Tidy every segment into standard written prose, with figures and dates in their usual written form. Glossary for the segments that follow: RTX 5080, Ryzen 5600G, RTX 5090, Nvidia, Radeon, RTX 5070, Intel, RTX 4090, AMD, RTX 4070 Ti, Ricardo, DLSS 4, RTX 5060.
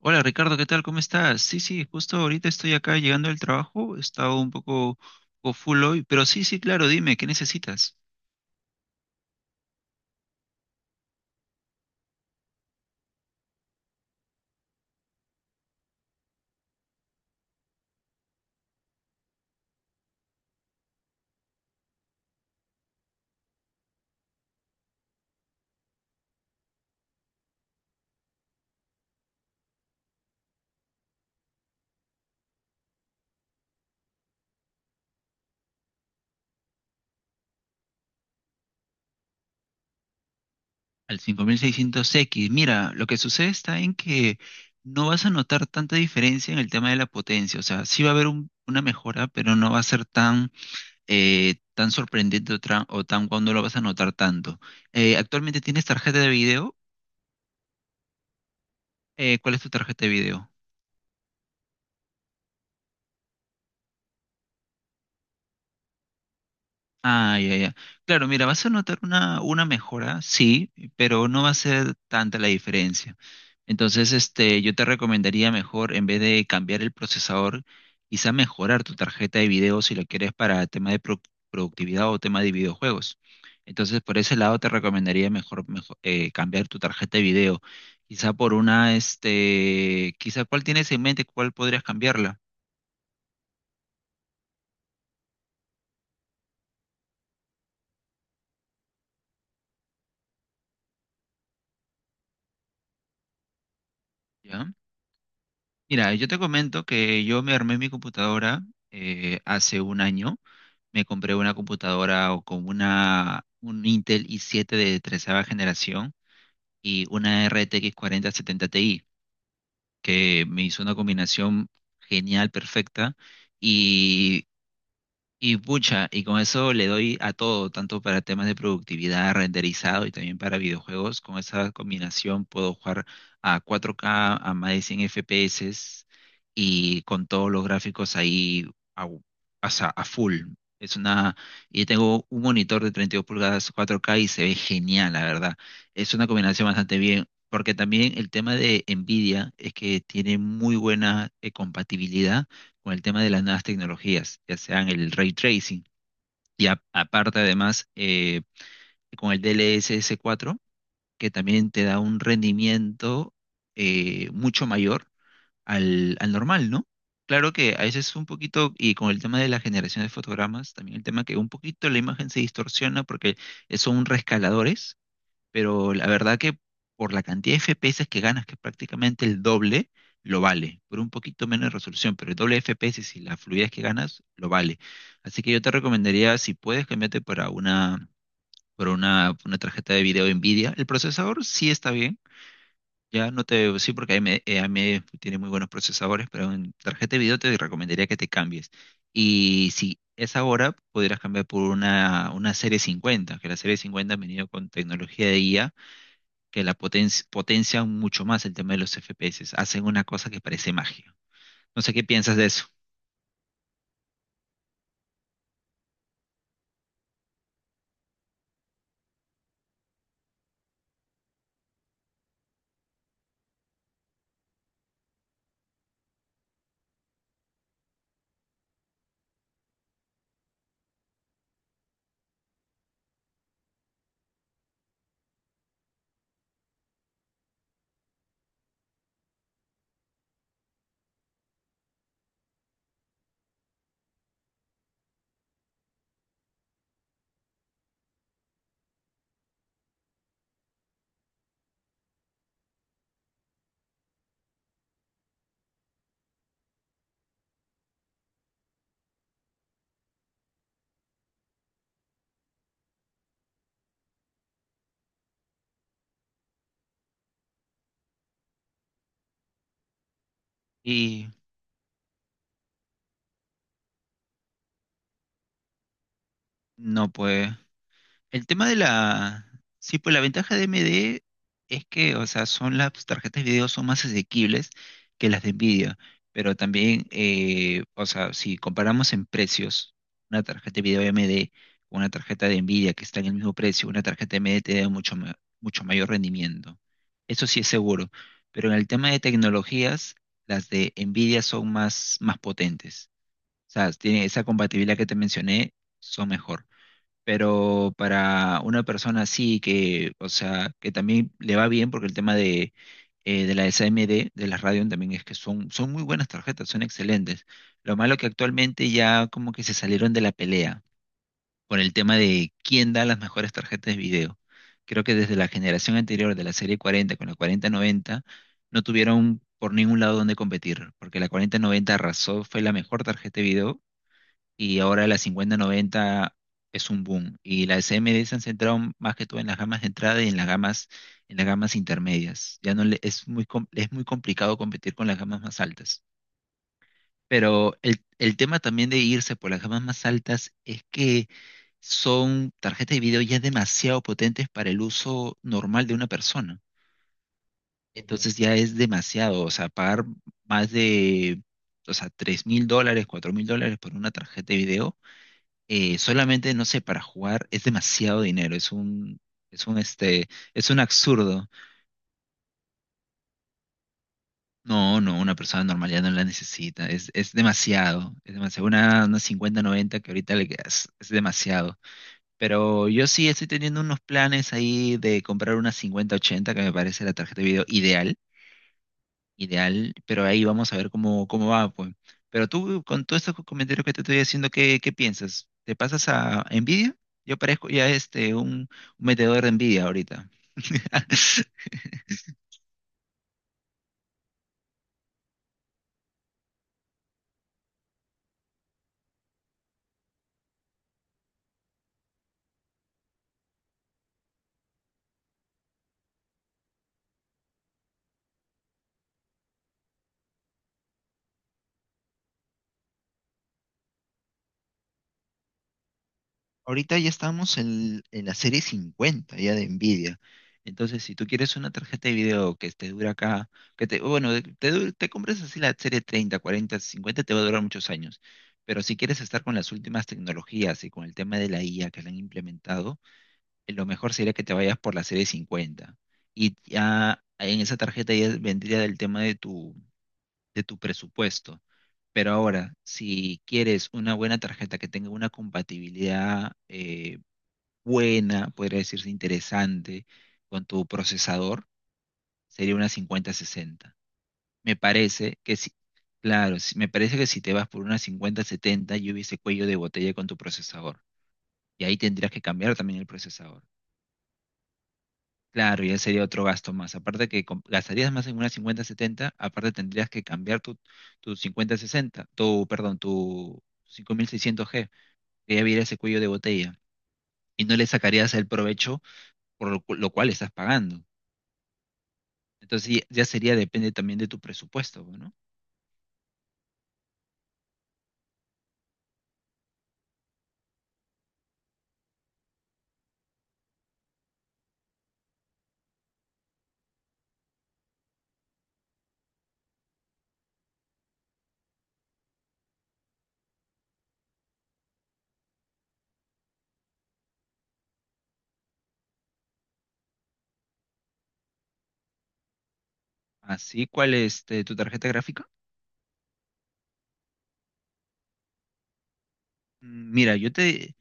Hola Ricardo, ¿qué tal? ¿Cómo estás? Sí, sí, justo ahorita estoy acá llegando del trabajo, he estado un poco full hoy, pero sí, sí, claro, dime, ¿qué necesitas? Al 5600X, mira, lo que sucede está en que no vas a notar tanta diferencia en el tema de la potencia, o sea, sí va a haber una mejora, pero no va a ser tan sorprendente o tan cuando lo vas a notar tanto. ¿Actualmente tienes tarjeta de video? ¿Cuál es tu tarjeta de video? Ah, ya, ya. Claro, mira, vas a notar una mejora, sí, pero no va a ser tanta la diferencia. Entonces, este, yo te recomendaría mejor, en vez de cambiar el procesador, quizá mejorar tu tarjeta de video si lo quieres para tema de productividad o tema de videojuegos. Entonces, por ese lado te recomendaría mejor, cambiar tu tarjeta de video. Quizá cuál tienes en mente, cuál podrías cambiarla, ¿ya? Mira, yo te comento que yo me armé mi computadora hace un año. Me compré una computadora o con un Intel i7 de 13 generación y una RTX 4070 Ti, que me hizo una combinación genial, perfecta. Y y pucha, y con eso le doy a todo, tanto para temas de productividad, renderizado y también para videojuegos. Con esa combinación puedo jugar a 4K, a más de 100 FPS y con todos los gráficos ahí, a, u- o sea, a full. Es una, y tengo un monitor de 32 pulgadas 4K y se ve genial, la verdad. Es una combinación bastante bien, porque también el tema de Nvidia es que tiene muy buena compatibilidad con el tema de las nuevas tecnologías, ya sean el ray tracing y aparte además, con el D L s 4, que también te da un rendimiento mucho mayor al normal, ¿no? Claro que a veces un poquito, y con el tema de la generación de fotogramas, también el tema que un poquito la imagen se distorsiona porque son rescaladores, pero la verdad que por la cantidad de FPS que ganas, que es prácticamente el doble, lo vale. Por un poquito menos de resolución, pero el doble de FPS y la fluidez que ganas, lo vale. Así que yo te recomendaría, si puedes, cambiarte para una tarjeta de video NVIDIA. El procesador sí está bien. Ya no te, Sí, porque AMD, tiene muy buenos procesadores, pero en tarjeta de video te recomendaría que te cambies. Y si es ahora, podrías cambiar por una serie 50, que la serie 50 ha venido con tecnología de IA que la potencian mucho más el tema de los FPS. Hacen una cosa que parece magia. No sé qué piensas de eso. Y no, pues. El tema de la. Sí, pues la ventaja de AMD es que, o sea, son las tarjetas de video son más asequibles que las de Nvidia, pero también, o sea, si comparamos en precios, una tarjeta de video AMD con una tarjeta de Nvidia que está en el mismo precio, una tarjeta AMD te da mucho mayor rendimiento. Eso sí es seguro, pero en el tema de tecnologías, las de Nvidia son más, más potentes. O sea, tiene esa compatibilidad que te mencioné, son mejor. Pero para una persona así que, o sea, que también le va bien porque el tema de las AMD, de las Radeon también es que son muy buenas tarjetas, son excelentes. Lo malo que actualmente ya como que se salieron de la pelea por el tema de quién da las mejores tarjetas de video. Creo que desde la generación anterior de la serie 40 con la 4090 no tuvieron por ningún lado donde competir, porque la 4090 arrasó, fue la mejor tarjeta de video, y ahora la 5090 es un boom. Y las AMD se han centrado más que todo en las gamas de entrada y en las gamas intermedias. Ya no le- es muy, com- es muy complicado competir con las gamas más altas. Pero el tema también de irse por las gamas más altas es que son tarjetas de video ya demasiado potentes para el uso normal de una persona. Entonces ya es demasiado, o sea, pagar más de, o sea, $3,000, $4,000 por una tarjeta de video solamente, no sé, para jugar es demasiado dinero, es un, este, es un absurdo. No, no, una persona normal ya no la necesita, es, demasiado, es demasiado. Una 5090 que ahorita le quedas, es demasiado. Pero yo sí estoy teniendo unos planes ahí de comprar una 5080 que me parece la tarjeta de video ideal. Ideal, pero ahí vamos a ver cómo va, pues. Pero tú, con todos estos comentarios que te estoy haciendo, ¿qué piensas? ¿Te pasas a Nvidia? Yo parezco ya un metedor de Nvidia ahorita. Ahorita ya estamos en la serie 50 ya de Nvidia. Entonces, si tú quieres una tarjeta de video que te dure acá, que te, bueno, de- te, dure- te compres así la serie 30, 40, 50, te va a durar muchos años. Pero si quieres estar con las últimas tecnologías y con el tema de la IA que la han implementado, lo mejor sería que te vayas por la serie 50. Y ya en esa tarjeta ya vendría el tema de tu presupuesto. Pero ahora, si quieres una buena tarjeta que tenga una compatibilidad buena, podría decirse interesante, con tu procesador, sería una 5060. Me parece que si, claro, me parece que si te vas por una 5070, yo hubiese cuello de botella con tu procesador. Y ahí tendrías que cambiar también el procesador. Claro, y ese sería otro gasto más. Aparte que gastarías más en una 5070, aparte tendrías que cambiar tu 5060, tu 5600G, que ya viera ese cuello de botella, y no le sacarías el provecho por lo cual estás pagando. Entonces ya sería, depende también de tu presupuesto, ¿no? Así, ¿cuál es tu tarjeta gráfica? Mira, yo te,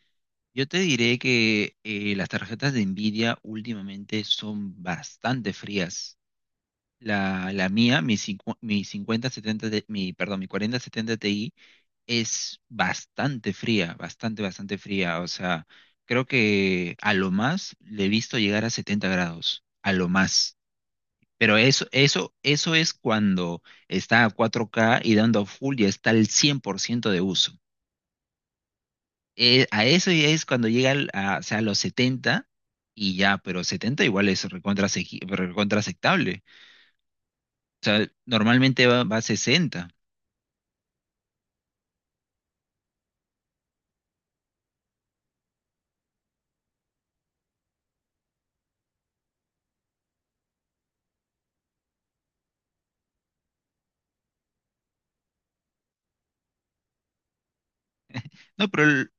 yo te diré que las tarjetas de Nvidia últimamente son bastante frías. La mía, mi 5070, mi 4070 Ti es bastante fría, bastante, bastante fría. O sea, creo que a lo más le he visto llegar a 70 grados, a lo más. Pero eso es cuando está a 4K y dando full ya está al 100% de uso. A eso ya es cuando llega a los 70 y ya, pero 70 igual es recontra aceptable. O sea, normalmente va a 60. No, pero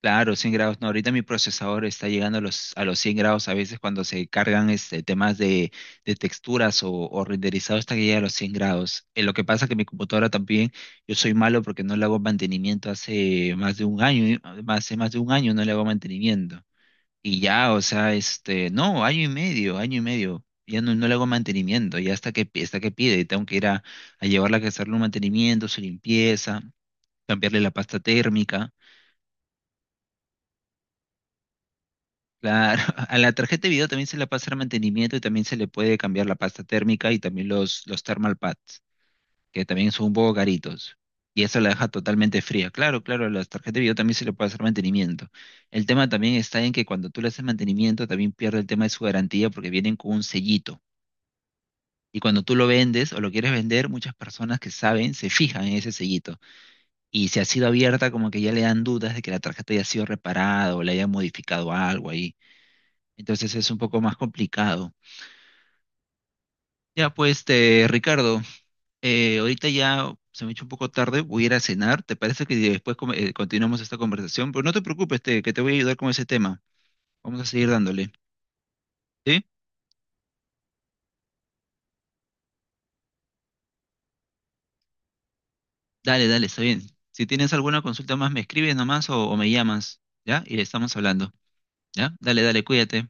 claro, 100 grados. No, ahorita mi procesador está llegando a los 100 grados a veces cuando se cargan este, temas de texturas o renderizado hasta que llega a los 100 grados. Lo que pasa que mi computadora también, yo soy malo porque no le hago mantenimiento hace más de un año, ¿eh? Hace más de un año no le hago mantenimiento. Y ya, o sea, no, año y medio, año y medio. Ya no, no le hago mantenimiento, ya hasta que pide, tengo que ir a llevarla a que hacerle un mantenimiento, su limpieza, cambiarle la pasta térmica. Claro, a la tarjeta de video también se le puede hacer mantenimiento y también se le puede cambiar la pasta térmica y también los thermal pads, que también son un poco caritos. Y eso la deja totalmente fría. Claro, claro, a las tarjetas de video también se le puede hacer mantenimiento. El tema también está en que cuando tú le haces mantenimiento también pierde el tema de su garantía porque vienen con un sellito. Y cuando tú lo vendes o lo quieres vender, muchas personas que saben se fijan en ese sellito. Y si ha sido abierta, como que ya le dan dudas de que la tarjeta haya sido reparada o le haya modificado algo ahí. Entonces es un poco más complicado. Ya, pues, Ricardo, ahorita ya se me ha hecho un poco tarde, voy a ir a cenar. ¿Te parece que después continuamos esta conversación? Pero no te preocupes, que te voy a ayudar con ese tema. Vamos a seguir dándole. ¿Sí? Dale, dale, está bien. Si tienes alguna consulta más, me escribes nomás o me llamas, ¿ya? Y estamos hablando, ¿ya? Dale, dale, cuídate.